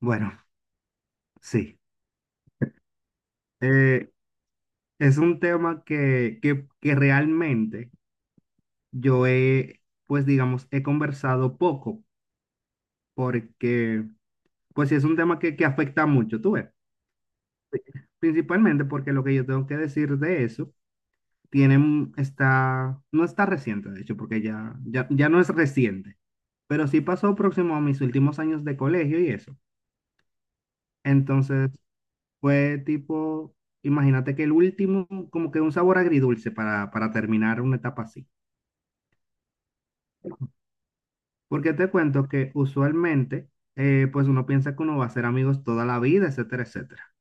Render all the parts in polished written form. Bueno, sí. Eh, es un tema que realmente yo he, pues digamos, he conversado poco, porque, pues sí, es un tema que afecta mucho, tú ves. Sí, principalmente porque lo que yo tengo que decir de eso no está reciente, de hecho, porque ya no es reciente, pero sí pasó próximo a mis últimos años de colegio y eso. Entonces, fue tipo, imagínate que el último, como que un sabor agridulce para terminar una etapa así. Porque te cuento que usualmente, pues uno piensa que uno va a ser amigos toda la vida, etcétera, etcétera,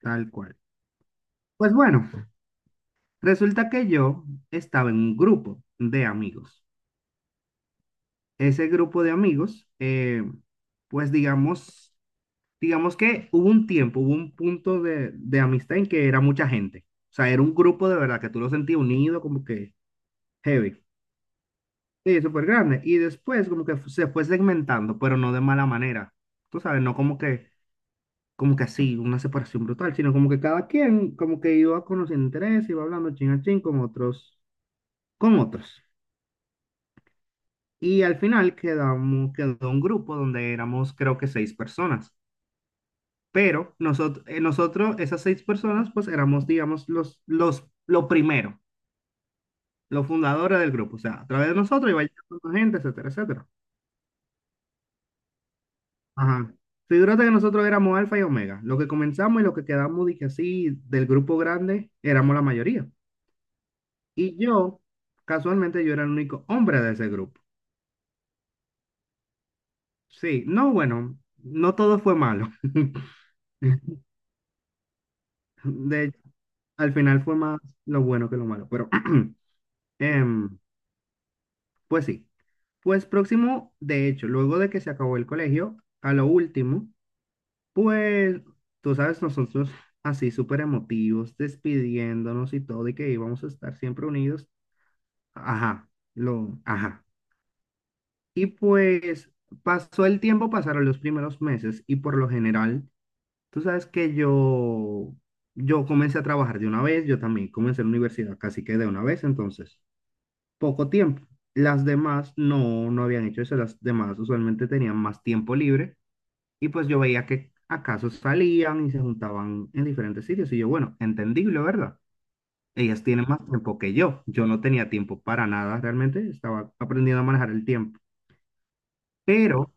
tal cual. Pues bueno, resulta que yo estaba en un grupo de amigos. Ese grupo de amigos, pues digamos que hubo un tiempo, hubo un punto de amistad en que era mucha gente. O sea, era un grupo de verdad que tú lo sentías unido, como que heavy. Sí, súper grande. Y después como que se fue segmentando, pero no de mala manera. Tú sabes, no como que, como que así, una separación brutal, sino como que cada quien como que iba conociendo interés, iba hablando chin a chin con otros, con otros. Y al final quedó un grupo donde éramos creo que seis personas. Pero nosotros, esas seis personas, pues éramos, digamos, lo primero, los fundadores del grupo. O sea, a través de nosotros iba llegando gente, etcétera, etcétera. Ajá. Figúrate que nosotros éramos alfa y omega. Lo que comenzamos y lo que quedamos, dije así, del grupo grande, éramos la mayoría. Y yo, casualmente, yo era el único hombre de ese grupo. Sí, no, bueno, no todo fue malo. De hecho, al final fue más lo bueno que lo malo, pero em, pues sí. Pues próximo, de hecho, luego de que se acabó el colegio, a lo último, pues, tú sabes, nosotros así súper emotivos, despidiéndonos y todo, y que íbamos a estar siempre unidos. Ajá, lo, ajá. Y pues pasó el tiempo, pasaron los primeros meses, y por lo general, tú sabes que yo comencé a trabajar de una vez, yo también comencé la universidad casi que de una vez, entonces, poco tiempo. Las demás no habían hecho eso, las demás usualmente tenían más tiempo libre. Y pues yo veía que acaso salían y se juntaban en diferentes sitios. Y yo, bueno, entendible, ¿verdad? Ellas tienen más tiempo que yo. Yo no tenía tiempo para nada, realmente. Estaba aprendiendo a manejar el tiempo. Pero,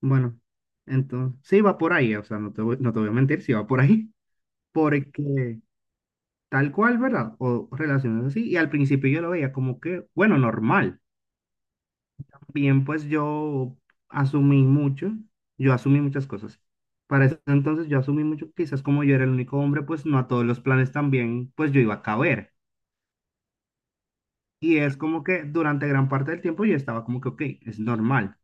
bueno, entonces, sí va por ahí. O sea, no te voy a mentir, sí va por ahí. Porque tal cual, ¿verdad? O relaciones así. Y al principio yo lo veía como que, bueno, normal. Bien, pues asumí mucho, yo asumí muchas cosas. Para ese entonces yo asumí mucho, quizás como yo era el único hombre, pues no a todos los planes también, pues yo iba a caber. Y es como que durante gran parte del tiempo yo estaba como que, ok, es normal.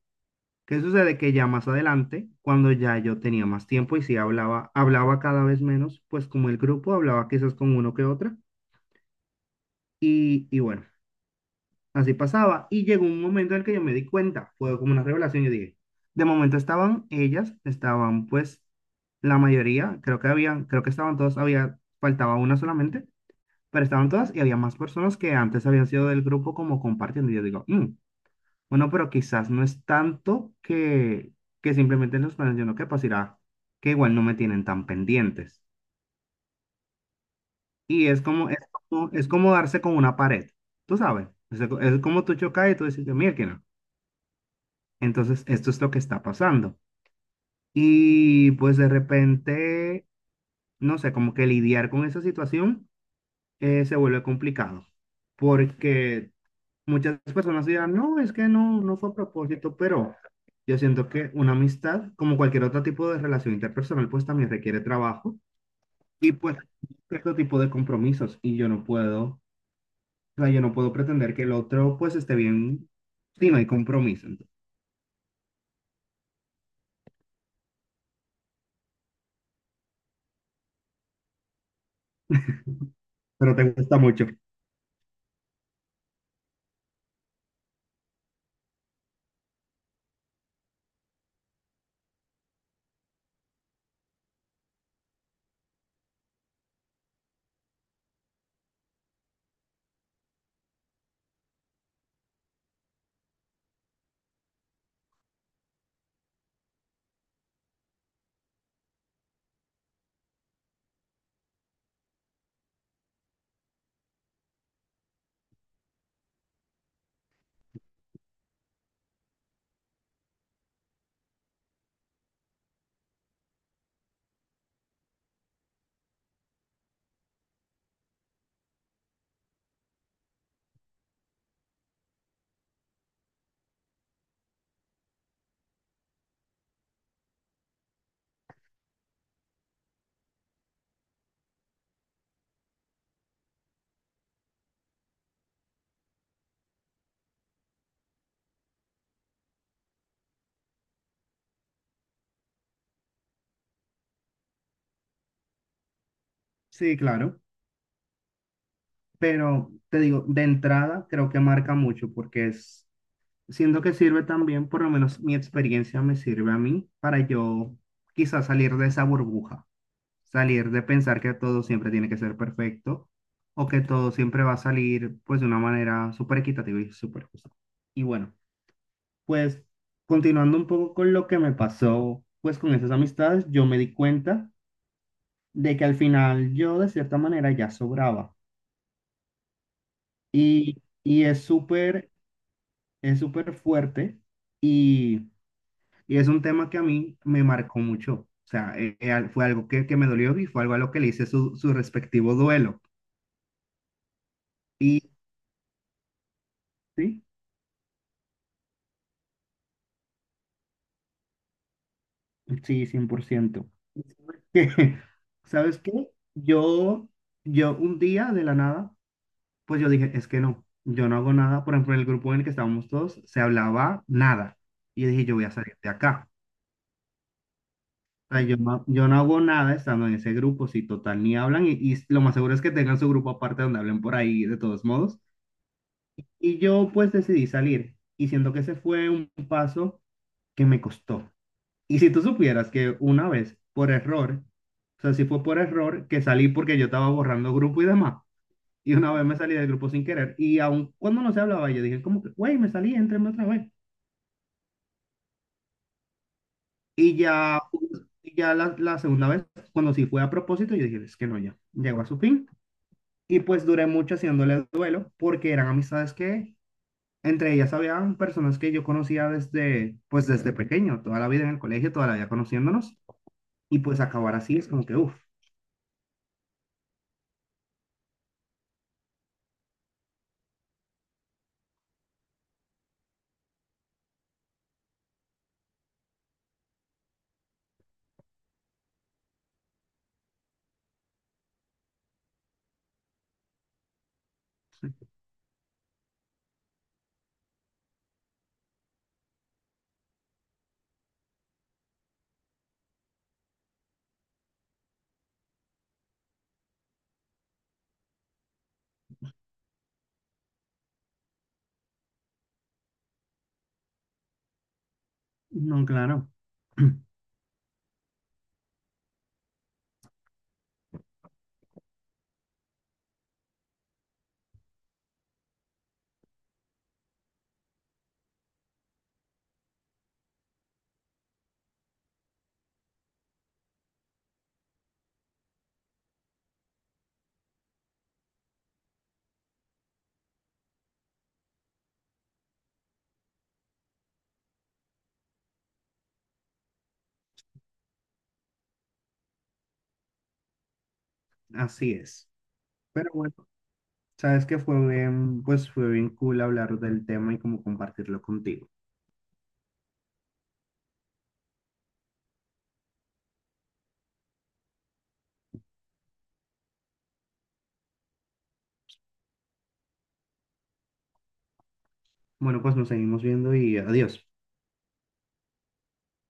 ¿Qué sucede? Que ya más adelante, cuando ya yo tenía más tiempo y sí hablaba, hablaba cada vez menos, pues como el grupo hablaba quizás con uno que otra. Y bueno. Así pasaba. Y llegó un momento en el que yo me di cuenta, fue como una revelación, yo dije, de momento estaban ellas, estaban pues la mayoría, creo que habían, creo que estaban todas, había, faltaba una solamente, pero estaban todas y había más personas que antes habían sido del grupo como compartiendo. Y yo digo, "Mm, bueno, pero quizás no es tanto que simplemente en los planes yo no que pasará, que igual no me tienen tan pendientes. Y es como darse con una pared, tú sabes, es como tú chocas y tú dices, mira, entonces, esto es lo que está pasando. Y pues de repente, no sé, como que lidiar con esa situación se vuelve complicado, porque muchas personas dirán, no, es que no, no fue a propósito, pero yo siento que una amistad, como cualquier otro tipo de relación interpersonal, pues también requiere trabajo y pues cierto tipo de compromisos y yo no puedo, o sea, yo no puedo pretender que el otro pues esté bien si no hay compromiso. Pero te gusta mucho. Sí, claro. Pero te digo, de entrada creo que marca mucho siento que sirve también, por lo menos mi experiencia me sirve a mí para yo quizás salir de esa burbuja, salir de pensar que todo siempre tiene que ser perfecto o que todo siempre va a salir pues de una manera súper equitativa y súper justa. Y bueno, pues continuando un poco con lo que me pasó pues con esas amistades, yo me di cuenta de que al final yo de cierta manera ya sobraba. Y es súper fuerte y, y es un tema que a mí me marcó mucho. O sea, fue algo que me dolió y fue algo a lo que le hice su respectivo duelo. Y sí, sí, 100%. Que, ¿sabes qué? ¿Sabes qué? Yo, yo un día de la nada, pues yo dije, es que no, yo no hago nada. Por ejemplo, en el grupo en el que estábamos todos, se hablaba nada. Y yo dije, yo voy a salir de acá. Ay, yo no hago nada estando en ese grupo, si total ni hablan, y lo más seguro es que tengan su grupo aparte donde hablen por ahí de todos modos. Y yo pues decidí salir, y siento que ese fue un paso que me costó. Y si tú supieras que una vez, por error, o sea, si fue por error que salí porque yo estaba borrando grupo y demás, y una vez me salí del grupo sin querer, y aun cuando no se hablaba, yo dije como que, güey, me salí, éntrenme otra vez. Y ya, y ya la segunda vez, cuando sí fue a propósito, yo dije, es que no, ya, llegó a su fin. Y pues duré mucho haciéndole duelo porque eran amistades que entre ellas habían personas que yo conocía desde, pues desde pequeño, toda la vida en el colegio, toda la vida conociéndonos. Y pues acabar así es como que, uff, no, claro, así es. Pero bueno, sabes que fue bien, pues fue bien cool hablar del tema y como compartirlo contigo. Bueno, pues nos seguimos viendo y adiós.